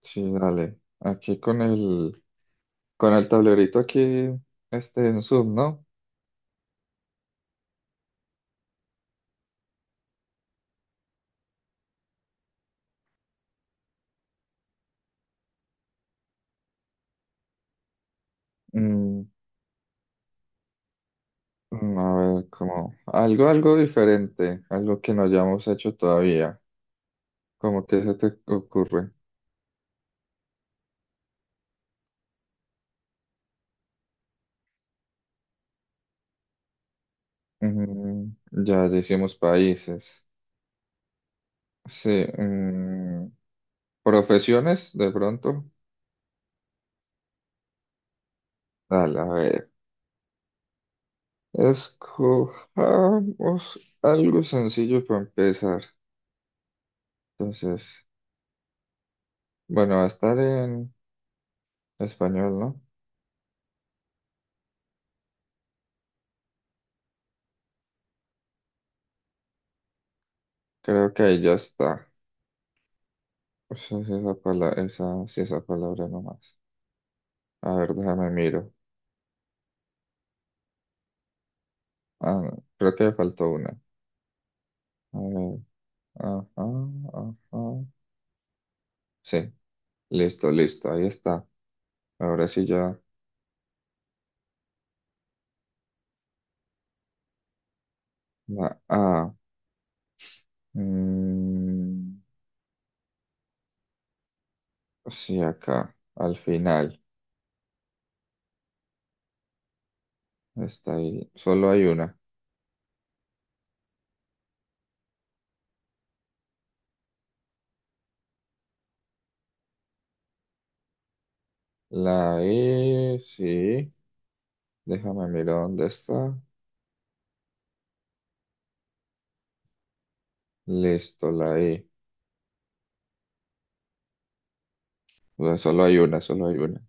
Sí, dale. Aquí con el tablerito aquí, en Zoom, ¿no? Mm, a ver, como algo, algo diferente, algo que no hayamos hecho todavía. ¿Cómo que se te ocurre? Mm, ya hicimos países. Sí, mm, profesiones, de pronto. Dale, a ver. Escojamos algo sencillo para empezar. Entonces, bueno, va a estar en español, ¿no? Creo que ahí ya está. Pues es esa palabra, esa, sí, esa palabra nomás. A ver, déjame miro. Ah, no, creo que me faltó una. A ver, ajá, ajá. Sí, listo, listo, ahí está. Ahora sí ya. La A. Mm, sí, acá, al final. Está ahí. Solo hay una. La E, sí. Déjame mirar dónde está. Listo, la E. O sea, solo hay una, solo hay una.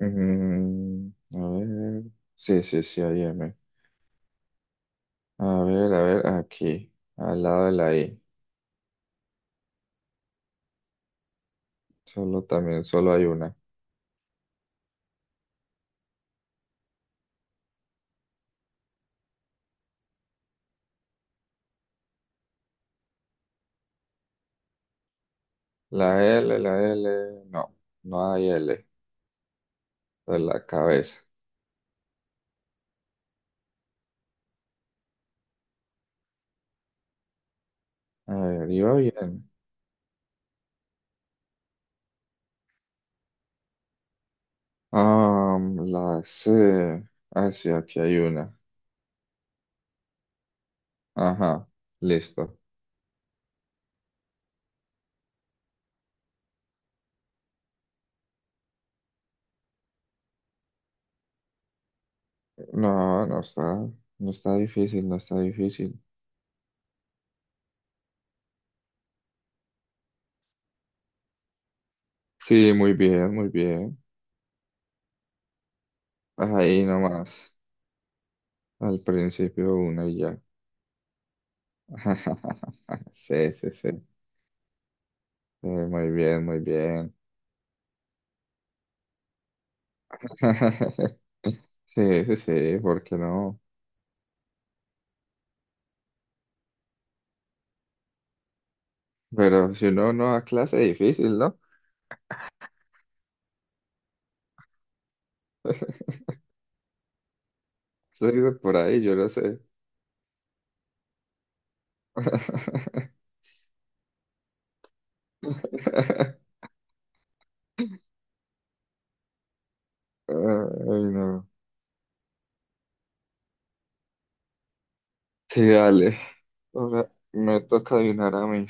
Mm, a ver. Sí, sí, sí, hay M. A ver, aquí, al lado de la I. Solo también, solo hay una. La L, no, no hay L. De la cabeza. A ver, iba bien. La C. Ah, sí, aquí hay una. Ajá, listo. No, no está, no está difícil, no está difícil. Sí, muy bien, muy bien. Ahí nomás. Al principio una y ya. Sí, sí, sí. Sí, muy bien, muy bien. Sí, sí, sí, ¿por qué no? Pero si uno no da clase, difícil, ¿no? Se dice por ahí, yo no sé. Ay, no. Sí, dale. Ahora me toca adivinar a mí.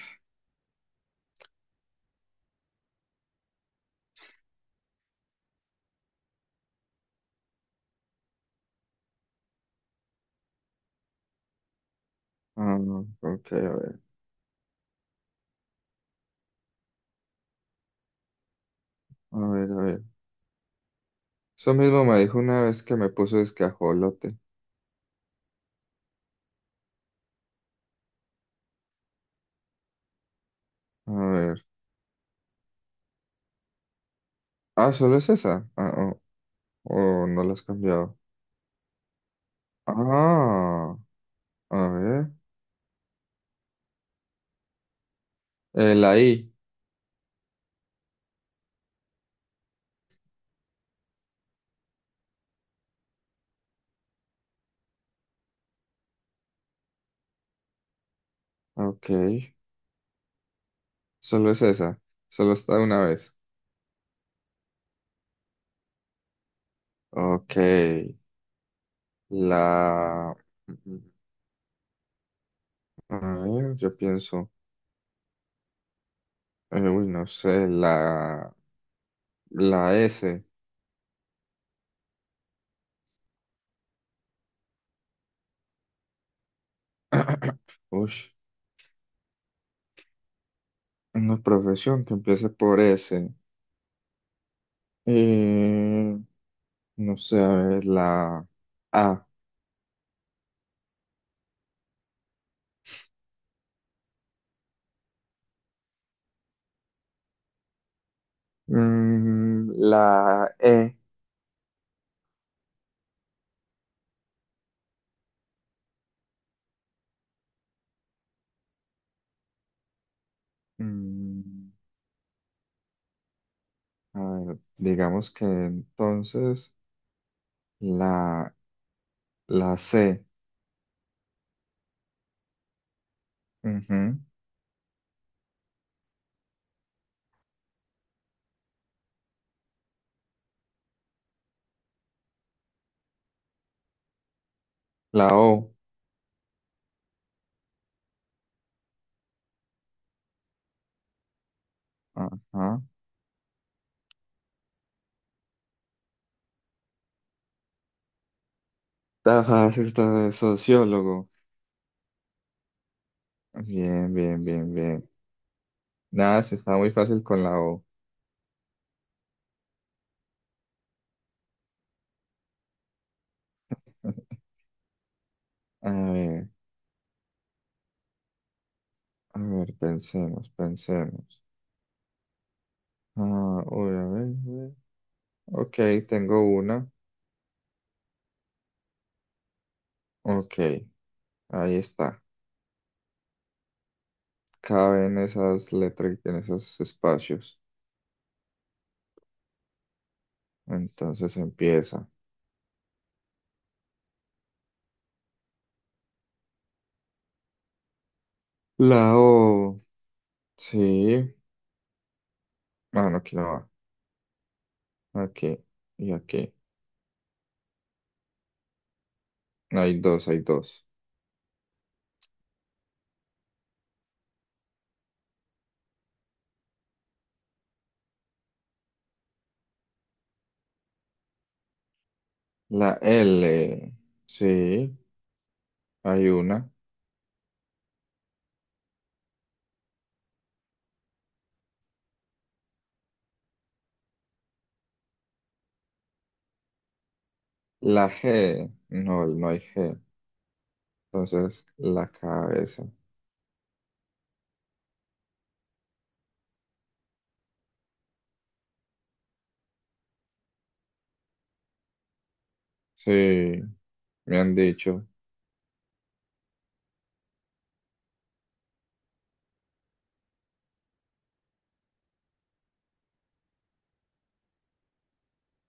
Ah, no, ok, a ver. A ver, a ver. Eso mismo me dijo una vez que me puso escajolote. A ver. Ah, ¿solo es esa? Ah, oh, oh, no la has cambiado. Ah, a ver. La I. Ok. Solo es esa. Solo está una vez. Ok. La... A ver, yo pienso. No sé. La... La S. Uy, una profesión que empiece por S. Eh, no sé, a ver, la A. Mm, la E. Mm, a ver, digamos que entonces la, la C. Ujú. La O. Ajá. Tajas está de sociólogo. Bien, bien, bien, bien. Nada, sí está muy fácil con la O. A ver, a ver, pensemos, pensemos. Ah, uy, a ver, a ver. Ok, tengo una. Ok, ahí está. Cabe en esas letras, en esos espacios. Entonces empieza. La O. Sí. Ah, no, aquí no va. Aquí y aquí. Hay dos, hay dos. La L, sí, hay una. La G, no, no hay G. Entonces, la cabeza. Sí, me han dicho.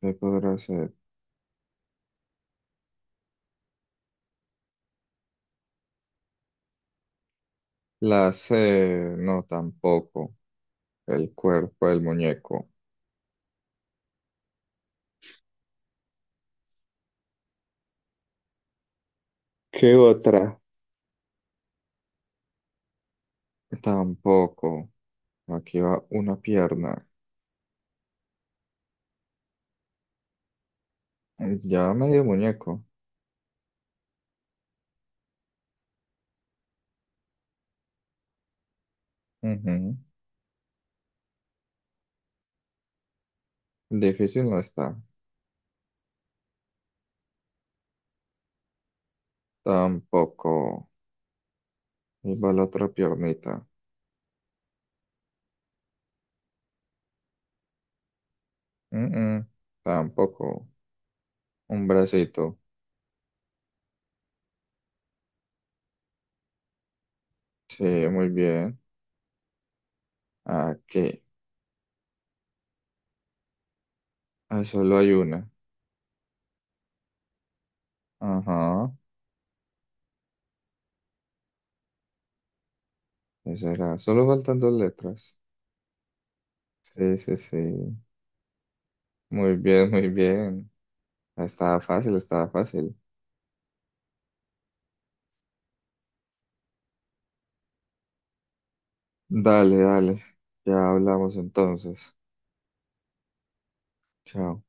¿Qué podrá ser? La C, no, tampoco. El cuerpo, el muñeco. ¿Qué otra? Tampoco. Aquí va una pierna. Ya medio muñeco. Ujú. Difícil no está. Tampoco. Y va la otra piernita. Mm, mm, Tampoco. Un bracito. Sí, muy bien. Aquí. Ah, solo hay una. Ajá. ¿Qué será? Solo faltan dos letras. Sí, sí, sí. Muy bien, muy bien. Estaba fácil, estaba fácil. Dale, dale. Ya hablamos entonces. Chao.